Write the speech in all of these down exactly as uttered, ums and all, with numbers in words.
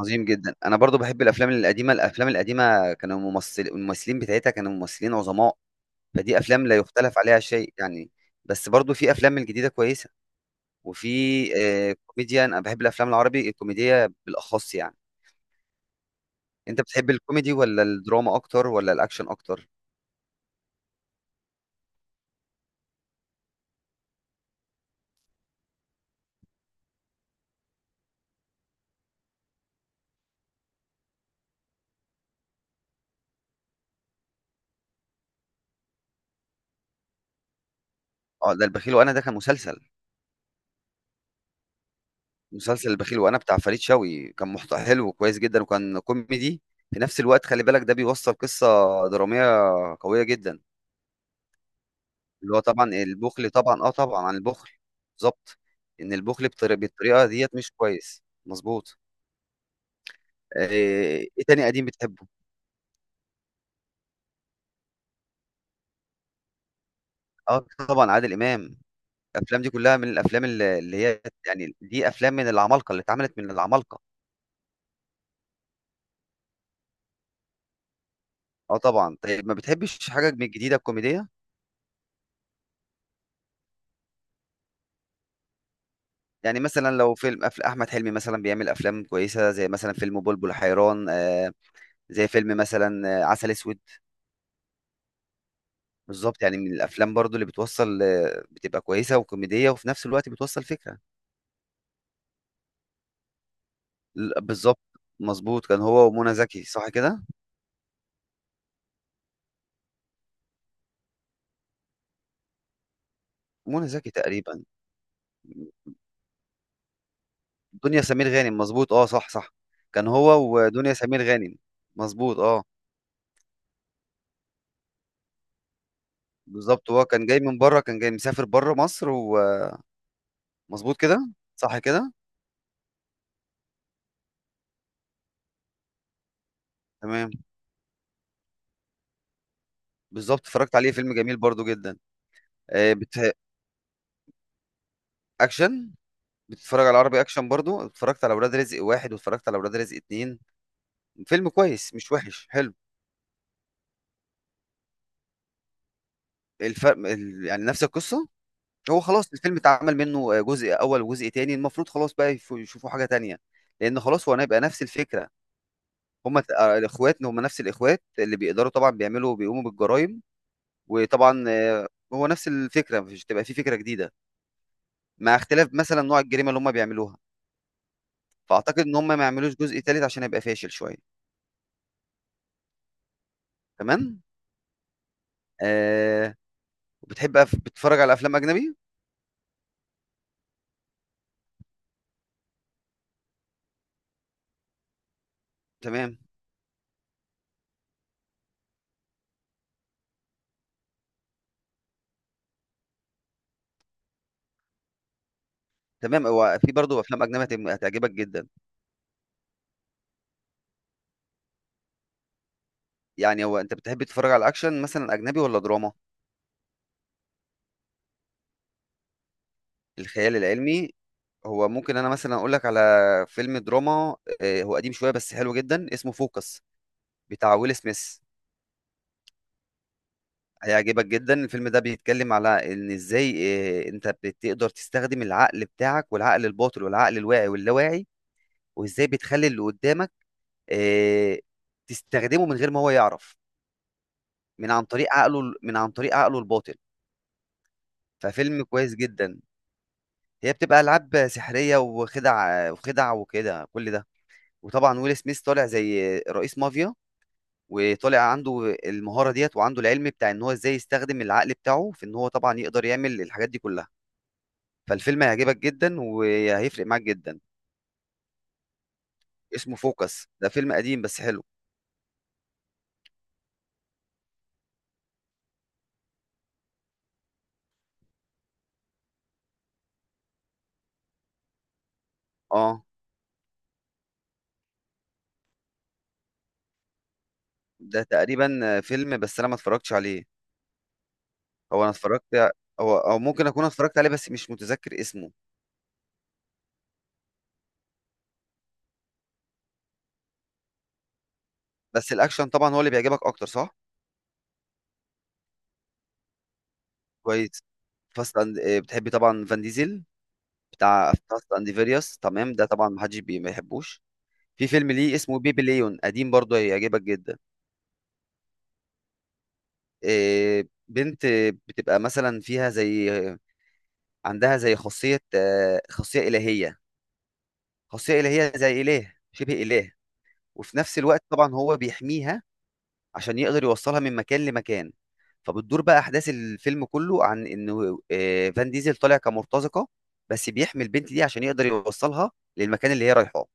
عظيم جدا. انا برضو بحب الافلام القديمه. الافلام القديمه كانوا ممثل الممثلين بتاعتها كانوا ممثلين عظماء، فدي افلام لا يختلف عليها شيء يعني. بس برضو في افلام الجديده كويسه، وفي آه، كوميديا. انا بحب الافلام العربي الكوميديه بالاخص يعني. انت بتحب الكوميدي ولا الدراما اكتر ولا الاكشن اكتر؟ اه، ده البخيل وانا ده كان مسلسل. مسلسل البخيل وانا بتاع فريد شوقي كان محتوى حلو وكويس جدا، وكان كوميدي في نفس الوقت. خلي بالك ده بيوصل قصه دراميه قويه جدا. اللي هو طبعا البخل، طبعا اه طبعا عن البخل بالظبط. ان البخل بطر- بالطريقه ديت مش كويس، مظبوط. آه، ايه تاني قديم بتحبه؟ اه طبعا عادل امام. الافلام دي كلها من الافلام اللي اللي هي يعني دي افلام من العمالقه، اللي اتعملت من العمالقه. اه طبعا. طيب ما بتحبش حاجه من الجديده الكوميديه؟ يعني مثلا لو فيلم أفل- احمد حلمي مثلا بيعمل افلام كويسه، زي مثلا فيلم بلبل حيران، آه، زي فيلم مثلا آه، عسل اسود. بالظبط، يعني من الافلام برضو اللي بتوصل، آه، بتبقى كويسه وكوميديه وفي نفس الوقت بتوصل فكره. ل- بالظبط مظبوط، كان هو ومنى زكي صح كده؟ منى زكي تقريبا. دنيا سمير غانم مظبوط، اه صح صح. كان هو ودنيا سمير غانم، مظبوط اه. بالظبط هو كان جاي من بره، كان جاي مسافر بره مصر، ومظبوط كده، صح كده. تمام بالظبط. اتفرجت عليه، فيلم جميل برضو جدا. آه، بت... اكشن. بتتفرج على عربي اكشن؟ برضو اتفرجت على ولاد رزق واحد واتفرجت على ولاد رزق اتنين. فيلم كويس مش وحش، حلو. الفرق ال- يعني نفس القصة. هو خلاص الفيلم اتعمل منه جزء أول وجزء تاني، المفروض خلاص بقى يف- يشوفوا حاجة تانية، لأن خلاص هو هيبقى نفس الفكرة. هما ت- آه، الإخوات هما نفس الإخوات اللي بيقدروا طبعا بيعملوا، بيقوموا بالجرائم. وطبعا آه، هو نفس الفكرة، مش تبقى في فكرة جديدة، مع اختلاف مثلا نوع الجريمة اللي هما بيعملوها. فأعتقد إن هما ما يعملوش جزء تالت عشان هيبقى فاشل شوية. تمام. آه بتحب أف- بتتفرج على أفلام أجنبي؟ تمام. تمام، هو في برضه أفلام أجنبي هتم- هتعجبك جدا. يعني هو انت بتحب تتفرج على اكشن مثلا اجنبي ولا دراما؟ الخيال العلمي، هو ممكن انا مثلا اقول لك على فيلم دراما، آه، هو قديم شويه بس حلو جدا، اسمه فوكس، بتاع ويل سميث. هيعجبك جدا. الفيلم ده بيتكلم على ان ازاي آه، انت بتقدر تستخدم العقل بتاعك، والعقل الباطن والعقل الواعي واللاواعي، وازاي بتخلي اللي قدامك آه، تستخدمه من غير ما هو يعرف، من عن طريق عقله، من عن طريق عقله الباطن. ففيلم كويس جدا. هي بتبقى العاب سحريه، وخدع وخدع وكده كل ده. وطبعا ويل سميث طالع زي رئيس مافيا، وطالع عنده المهاره ديت، وعنده العلم بتاع ان هو ازاي يستخدم العقل بتاعه في ان هو طبعا يقدر يعمل الحاجات دي كلها. فالفيلم هيعجبك جدا، وهيفرق معاك جدا. اسمه فوكس، ده فيلم قديم بس حلو. اه ده تقريبا فيلم بس انا ما اتفرجتش عليه. هو انا اتفرجت، او او ممكن اكون اتفرجت عليه بس مش متذكر اسمه. بس الاكشن طبعا هو اللي بيعجبك اكتر، صح؟ كويس. فاصلا بتحبي طبعا فان ديزل، بتاع فاست اند فيريوس، تمام. ده طبعا محدش بي- ما يحبوش. في فيلم ليه اسمه بيبي ليون، قديم برضه، هيعجبك جدا. إيه، بنت بتبقى مثلا فيها زي، عندها زي خاصية، آه، خاصية إلهية خاصية إلهية زي إله، شبه إله. وفي نفس الوقت طبعا هو بيحميها، عشان يقدر يوصلها من مكان لمكان. فبتدور بقى أحداث الفيلم كله عن إنه آه، فان ديزل طالع كمرتزقة، بس بيحمي البنت دي عشان يقدر يوصلها للمكان اللي هي رايحاه.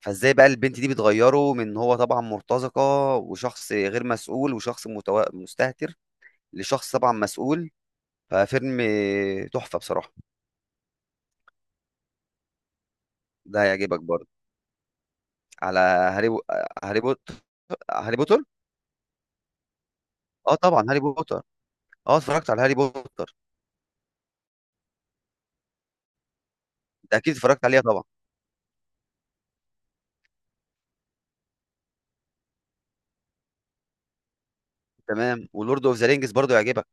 فازاي بقى البنت دي بتغيره من هو طبعا مرتزقة وشخص غير مسؤول وشخص متو... مستهتر، لشخص طبعا مسؤول. ففيلم تحفة بصراحة. ده هيعجبك برضه. على هاري بو... هاري بوتر هاري بوتر؟ اه طبعا هاري بوتر، اه اتفرجت على هاري بوتر. انت اكيد اتفرجت عليها طبعا. تمام، ولورد اوف ذا رينجز برضه يعجبك.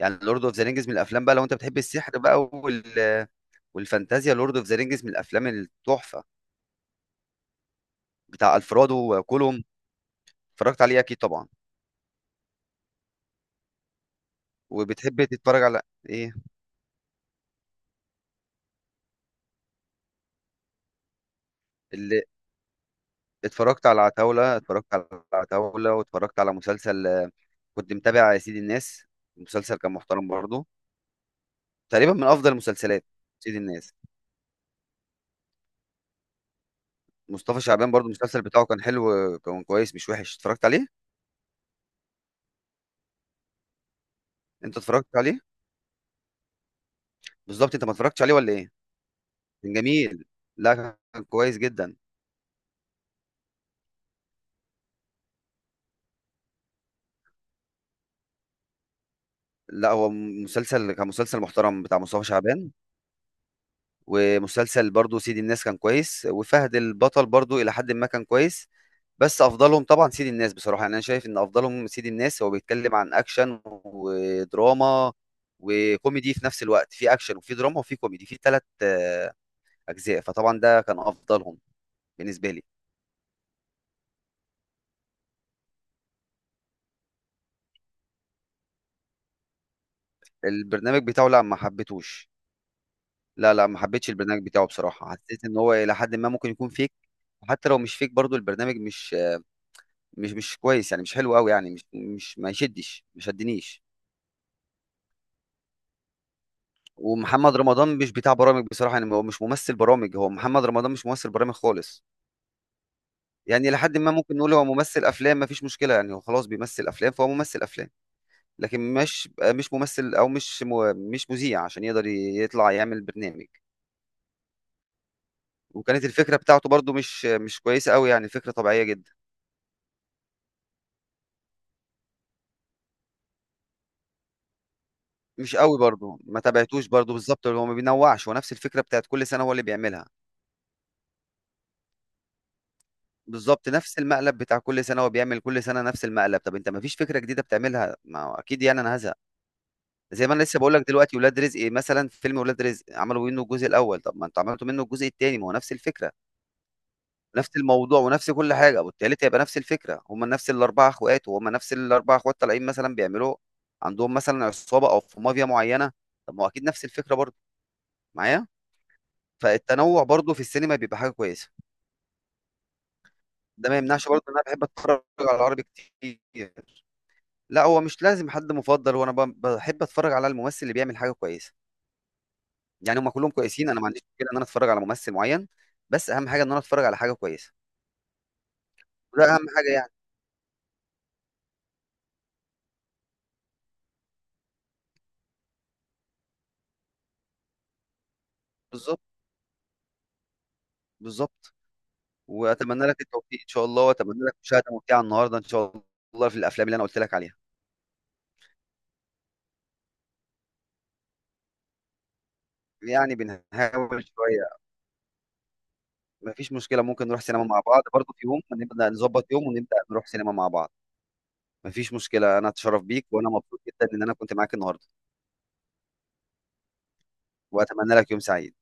يعني لورد اوف ذا رينجز من الافلام بقى، لو انت بتحب السحر بقى وال... والفانتازيا، لورد اوف ذا رينجز من الافلام التحفة، بتاع الفرادو وكولوم. اتفرجت عليه اكيد طبعا. وبتحب تتفرج على ايه؟ اللي اتفرجت على عتاولة، اتفرجت على عتاولة، واتفرجت على مسلسل آه، كنت متابع سيد الناس. المسلسل كان محترم برضه، تقريبا من افضل المسلسلات، سيد الناس. مصطفى شعبان برضه المسلسل بتاعه كان حلو، كان كويس مش وحش، اتفرجت عليه. انت اتفرجت عليه؟ بالظبط، انت ما اتفرجتش عليه ولا ايه؟ كان جميل، لا كان كويس جدا. لا هو مسلسل، كان مسلسل محترم بتاع مصطفى شعبان. ومسلسل برضو سيد الناس كان كويس، وفهد البطل برضو إلى حد ما كان كويس. بس أفضلهم طبعا سيد الناس بصراحة، يعني أنا شايف إن أفضلهم سيد الناس. هو بيتكلم عن أكشن ودراما وكوميدي في نفس الوقت، في أكشن وفي دراما وفي كوميدي في ثلاث أجزاء. فطبعا ده كان أفضلهم بالنسبة لي. البرنامج بتاعه لا ما حبيتهوش. لا لا ما حبيتش البرنامج بتاعه بصراحة. حسيت إن هو إلى حد ما ممكن يكون فيك، وحتى لو مش فيك برضو البرنامج مش مش مش كويس يعني، مش حلو قوي يعني، مش مش ما يشدش، ما شدنيش. ومحمد رمضان مش بتاع برامج بصراحة، يعني هو مش ممثل برامج. هو محمد رمضان مش ممثل برامج خالص، يعني لحد ما ممكن نقول هو ممثل أفلام مفيش مشكلة، يعني هو خلاص بيمثل أفلام فهو ممثل أفلام. لكن مش مش ممثل، أو مش مو- مش مذيع عشان يقدر يطلع يعمل برنامج. وكانت الفكرة بتاعته برضو مش مش كويسة قوي، يعني فكرة طبيعية جدا. مش قوي برضو، ما تابعتوش برضو. بالظبط، هو ما بينوعش، هو نفس الفكرة بتاعت كل سنة هو اللي بيعملها. بالظبط، نفس المقلب بتاع كل سنة، هو بيعمل كل سنة نفس المقلب. طب انت ما فيش فكرة جديدة بتعملها؟ ما هو اكيد يعني انا هزهق. زي ما انا لسه بقول لك دلوقتي ولاد رزق مثلا، فيلم ولاد رزق عملوا منه الجزء الاول، طب ما انتوا عملتوا منه الجزء الثاني ما هو نفس الفكره، نفس الموضوع ونفس كل حاجه. والتالت هيبقى نفس الفكره، هم نفس الاربعه اخوات، وهم نفس الاربعه اخوات طالعين مثلا بيعملوا عندهم مثلا عصابه او في مافيا معينه. طب ما هو اكيد نفس الفكره برضه معايا. فالتنوع برضه في السينما بيبقى حاجه كويسه. ده ما يمنعش برضه ان انا بحب اتفرج على العربي كتير. لا هو مش لازم حد مفضل، وانا بحب اتفرج على الممثل اللي بيعمل حاجه كويسه. يعني هم كلهم كويسين، انا ما عنديش مشكله ان انا اتفرج على ممثل معين، بس اهم حاجه ان انا اتفرج على حاجه كويسه، ده اهم حاجه يعني. بالظبط بالظبط. واتمنى لك التوفيق ان شاء الله، واتمنى لك مشاهده ممتعه النهارده ان شاء الله في الافلام اللي انا قلت لك عليها. يعني بنحاول شويه. مفيش مشكله، ممكن نروح سينما مع بعض برضه، في يوم نبدا نظبط يوم ونبدا نروح سينما مع بعض. مفيش مشكله، انا اتشرف بيك، وانا مبسوط جدا ان انا كنت معاك النهارده، واتمنى لك يوم سعيد.